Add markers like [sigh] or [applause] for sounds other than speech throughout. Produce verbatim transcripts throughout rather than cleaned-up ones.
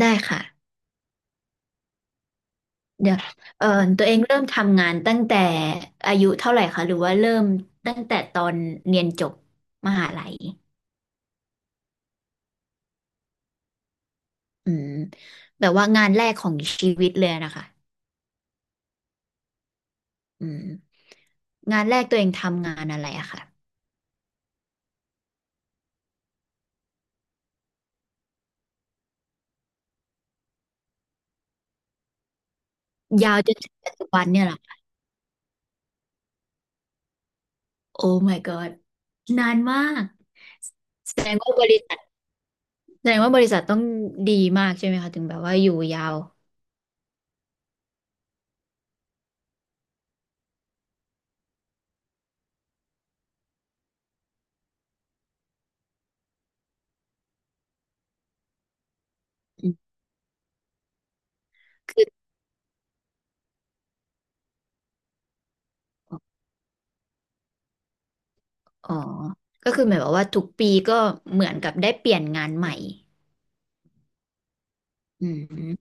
ได้ค่ะเดี๋ยวเอ่อตัวเองเริ่มทำงานตั้งแต่อายุเท่าไหร่คะหรือว่าเริ่มตั้งแต่ตอนเรียนจบมหาลัยอืมแบบว่างานแรกของชีวิตเลยนะคะอืมงานแรกตัวเองทำงานอะไรอะค่ะยาวจนถึงปัจจุบันเนี่ยเหรอคะโอ้ my god นานมากแสดงว่าบริษัทแสดงว่าบริษัทต้องดีมากใช่ไหมคะถึงแบบว่าอยู่ยาวอืมคืออ๋อก็คือหมายความว่าทุกปีก็เหมือนกับได้เปลี่ยนงานใหม่ อืม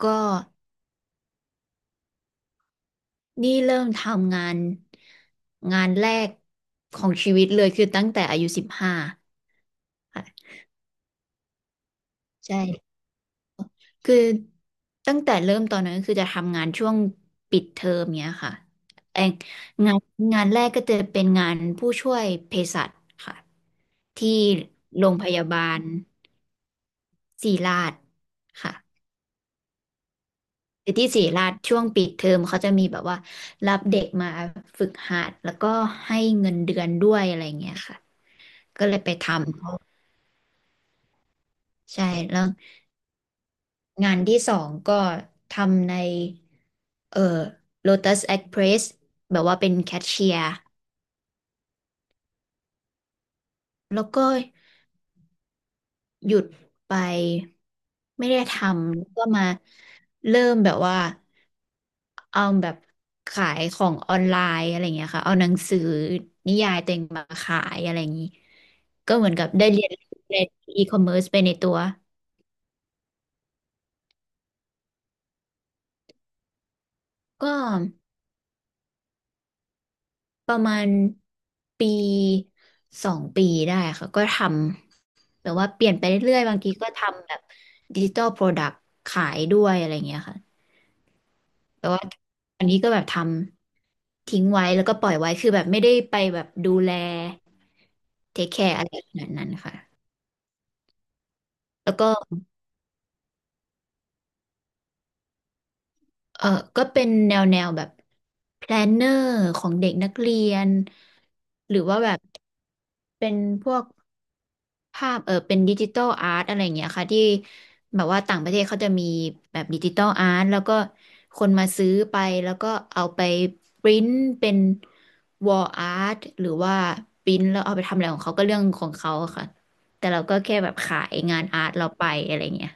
ก็นี่เริ่มทำงานงานแรกของชีวิตเลยคือตั้งแต่อายุสิบห้าค่ะใช่คือตั้งแต่เริ่มตอนนั้นก็คือจะทำงานช่วงปิดเทอมเนี้ยค่ะเองงานงานแรกก็จะเป็นงานผู้ช่วยเภสัชค่ะที่โรงพยาบาลศิริราชค่ะ คือที่ศรีราชช่วงปิดเทอมเขาจะมีแบบว่ารับเด็กมาฝึกหัดแล้วก็ให้เงินเดือนด้วยอะไรเงี้ยค่ะก็เลยไปทำใช่แล้วงานที่สองก็ทำในเอ่อ Lotus Express แบบว่าเป็นแคชเชียร์แล้วก็ หยุดไปไม่ได้ทำแล้วก็มาเริ่มแบบว่าเอาแบบขายของออนไลน์อะไรอย่างเงี้ยค่ะเอาหนังสือนิยายตัวเองมาขายอะไรอย่างงี้ก็เหมือนกับได้เรียนรู้ในอีคอมเมิร์ซไปในตัวก็ประมาณปีสองปีได้ค่ะก็ทำแบบว่าเปลี่ยนไปเรื่อยๆบางทีก็ทำแบบดิจิ t a ลโปรดักต์ขายด้วยอะไรอย่างเงี้ยค่ะแต่ว่าอันนี้ก็แบบทำ ทิ้งไว้แล้วก็ปล่อยไว้คือแบบไม่ได้ไปแบบดูแลเทคแคร์อะไรขนาดนั้นค่ะแล้วก็เออก็เป็นแนวแนวแบบแพลนเนอร์ของเด็กนักเรียนหรือว่าแบบเป็นพวก ภาพเออเป็นดิจิตอลอาร์ตอะไรอย่างเงี้ยค่ะที่แบบว่าต่างประเทศเขาจะมีแบบดิจิตอลอาร์ตแล้วก็คนมาซื้อไปแล้วก็เอาไปปริ้นเป็นวอลอาร์ตหรือว่าปริ้นแล้วเอาไปทำอะไรของเขาก็เรื่องของเขาอะค่ะแต่เราก็แค่แบบขายงานอาร์ตเราไปอะไรเงี้ย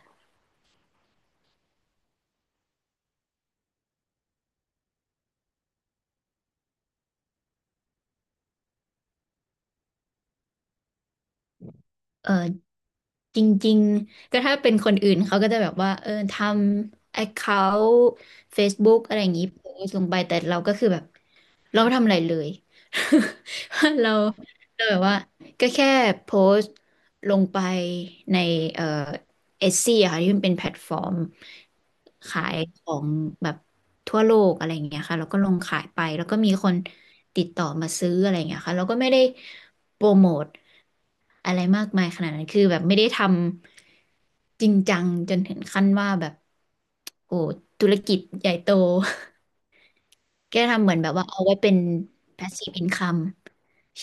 เออจริงๆก็ถ้าเป็นคนอื่นเขาก็จะแบบว่าเออทำ account Facebook อะไรอย่างงี้โพสต์ลงไปแต่เราก็คือแบบ เราก็ทำอะไรเลย [laughs] เราเราแบบว่าก็แค่โพสต์ลงไปในเอ่อเอซี่ค่ะที่มันเป็นแพลตฟอร์มขายของแบบทั่วโลกอะไรอย่างเงี้ยค่ะเราก็ลงขายไปแล้วก็มีคนติดต่อมาซื้ออะไรอย่างเงี้ยค่ะเราก็ไม่ได้โปรโมทอะไรมากมายขนาดนั้นคือแบบไม่ได้ทำจริงจังจนถึงขั้นว่าแบบโอ้ธุรกิจใหญ่โต แกทำเหมือนแบบว่าเอาไว้เป็น passive income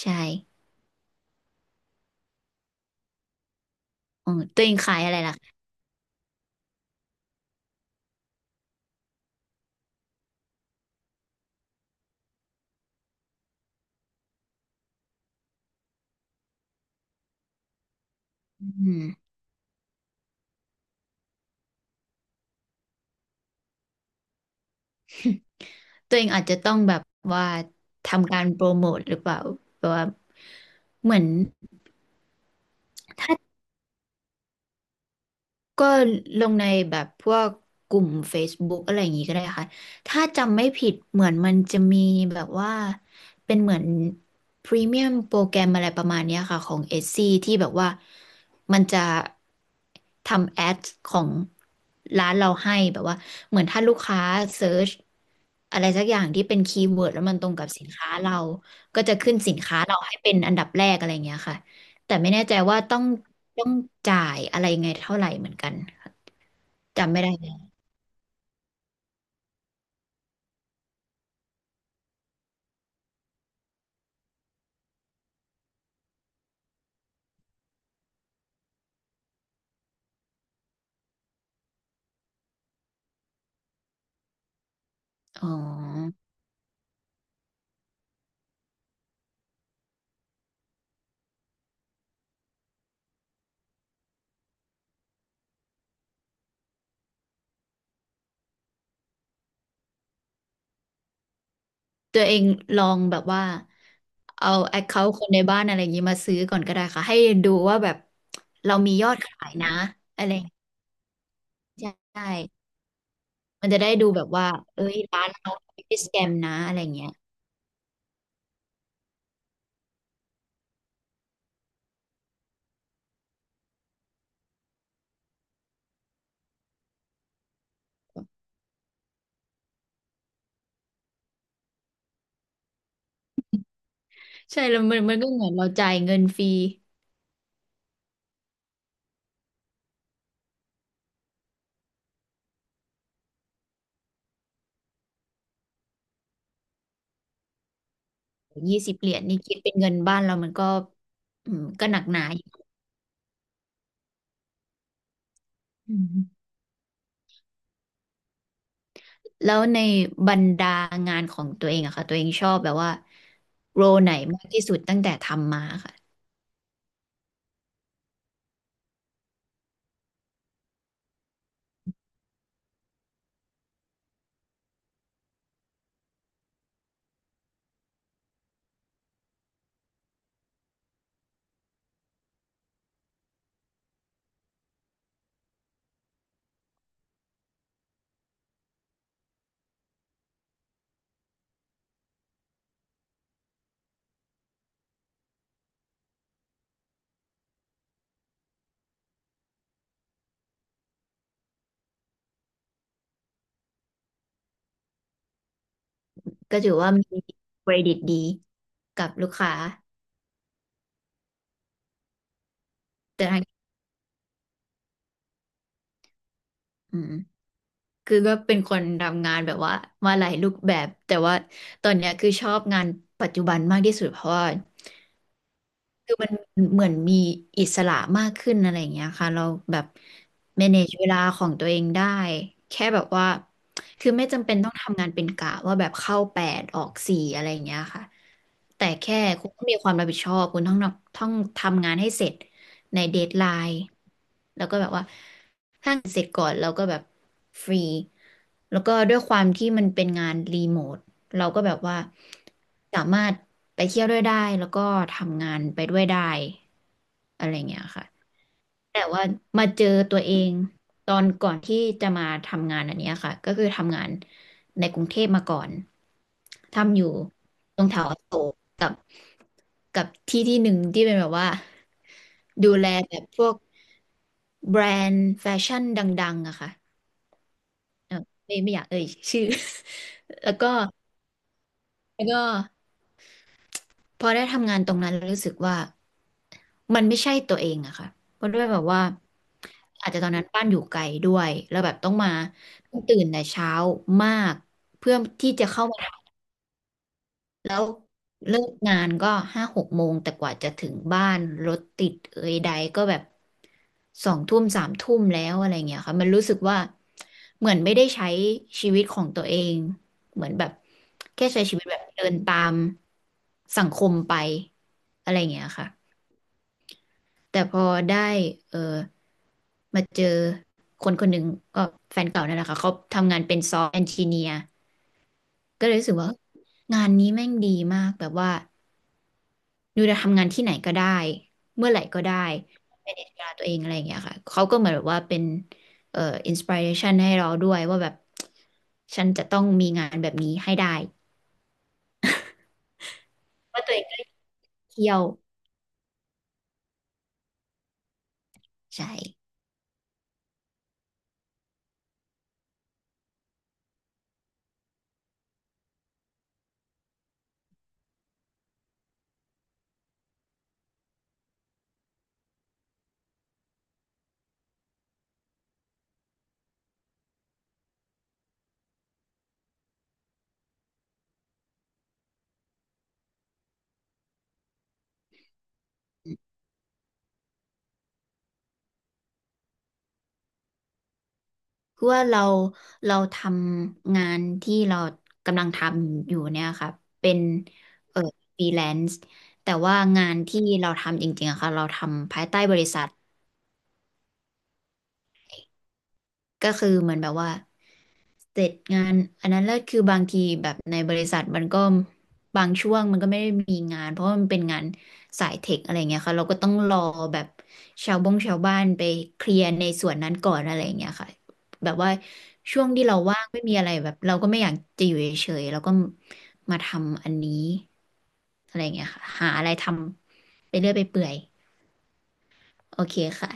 ใช่อ๋อตัวเองขายอะไรล่ะคะอืมตัวเองอาจจะต้องแบบว่าทำการโปรโมทหรือเปล่า แบบว่าเหมือน ก็ลงในแบบพวกกลุ่ม Facebook อะไรอย่างงี้ก็ได้ค่ะ ถ้าจำไม่ผิดเหมือนมันจะมีแบบว่าเป็นเหมือนพรีเมียมโปรแกรมอะไรประมาณเนี้ยค่ะของ Etsy ที่แบบว่ามันจะทำแอดของร้านเราให้แบบว่าเหมือนถ้าลูกค้าเซิร์ชอะไรสักอย่างที่เป็นคีย์เวิร์ดแล้วมันตรงกับสินค้าเราก็จะขึ้นสินค้าเราให้เป็นอันดับแรกอะไรอย่างเงี้ยค่ะ แต่ไม่แน่ใจว่าต้องต้องจ่ายอะไรยังไงเท่าไหร่เหมือนกันค่ะจำไม่ได้แล้วอ๋อตัวเองลองแบบว่าเอาแอคเคาท์คนในบ้านอะไรอย่างนี้มาซื้อก่อนก็ได้ค่ะให้ดูว่าแบบเรามียอดขายนะอะไรอย่างเงี้ยใช่ใช่มันจะได้ดูแบบว่าเอ้ยร้านเราไม่ได้สแกมนะอะไรอย่างเงี้ยใช่แล้วมันมันก็เหมือนเราจ่ายเงินฟรียี่สิบเหรียญนี่คิดเป็นเงินบ้านเรามันก็อืมก็หนักหนาอยู่อืม แล้วในบรรดางานของตัวเองอะค่ะตัวเองชอบแบบว่าโรไหนมากที่สุดตั้งแต่ทำมาค่ะก็ถือว่ามีเครดิตดีกับลูกค้าแต่ทางอืมคือก็เป็นคนทำงานแบบว่ามาหลายรูปแบบแต่ว่าตอนเนี้ยคือชอบงานปัจจุบันมากที่สุดเพราะว่า คือมันเหมือนมีอิสระมากขึ้นอะไรอย่างเงี้ยค่ะเราแบบ manage เวลาของตัวเองได้แค่แบบว่าคือไม่จำเป็นต้องทำงานเป็นกะว่าแบบเข้าแปดออกสี่อะไรอย่างเงี้ยค่ะแต่แค่คุณต้องมีความรับผิดชอบคุณต้องต้องทำงานให้เสร็จในเดดไลน์แล้วก็แบบว่าถ้างเสร็จก่อนเราก็แบบฟรีแล้วก็ด้วยความที่มันเป็นงานรีโมท เราก็แบบว่าสามารถไปเที่ยวด้วยได้แล้วก็ทำงานไปด้วยได้อะไรเงี้ยค่ะแต่ว่ามาเจอตัวเองตอนก่อนที่จะมาทำงานอันเนี้ยค่ะก็คือทำงานในกรุงเทพมาก่อนทำอยู่ตรงแถวอโศกกับกับที่ที่หนึ่งที่เป็นแบบว่าดูแลแบบพวกแบรนด์แฟชั่นดังๆอะค่ะเออไม่ไม่อยากเอ่ยชื่อ [laughs] แล้วก็แล้วก็ พอได้ทำงานตรงนั้นรู้สึกว่ามันไม่ใช่ตัวเองอะค่ะเพราะด้วยแบบว่าอาจจะตอนนั้นบ้านอยู่ไกลด้วยแล้วแบบต้องมาต้องตื่นแต่เช้ามากเพื่อที่จะเข้ามา แล้วเลิกงานก็ห้าหกโมงแต่กว่าจะถึงบ้านรถติดเอยใดก็แบบสองทุ่มสามทุ่มแล้วอะไรเงี้ยค่ะมันรู้สึกว่าเหมือนไม่ได้ใช้ชีวิตของตัวเองเหมือนแบบแค่ใช้ชีวิตแบบเดินตามสังคมไปอะไรเงี้ยค่ะแต่พอได้เออมาเจอคนคนหนึ่งก็แฟนเก่านั่นแหละค่ะเขาทำงานเป็นซอฟต์แอนจิเนียร์ก็เลยรู้สึกว่างานนี้แม่งดีมากแบบว่า นิวจะทำงานที่ไหนก็ได้ เมื่อไหร่ก็ได้ manage เวลาตัวเองอะไรอย่างเงี้ยค่ะเขาก็เหมือนแบบว่าเป็นเอ่ออินสปิเรชันให้เราด้วยว่าแบบฉันจะต้องมีงานแบบนี้ให้ได้ ว่าะตัวเองก็เที่ยวใช่คือว่าเราเราทำงานที่เรากำลังทำอยู่เนี่ยค่ะเป็นเอ่อฟรีแลนซ์แต่ว่างานที่เราทำจริงๆอะค่ะเราทำภายใต้บริษัท ก็คือเหมือนแบบว่าเสร็จงานอันนั้นแล้วคือบางทีแบบในบริษัทมันก็บางช่วงมันก็ไม่ได้มีงานเพราะว่ามันเป็นงานสายเทคอะไรเงี้ยค่ะเราก็ต้องรอแบบชาวบงชาวบ้านไปเคลียร์ในส่วนนั้นก่อนอะไรเงี้ยค่ะแบบว่าช่วงที่เราว่างไม่มีอะไรแบบเราก็ไม่อยากจะอยู่เฉยๆเราก็มาทำอันนี้อะไรเงี้ยค่ะหาอะไรทำไปเรื่อยไปเปื่อยโอเคค่ะ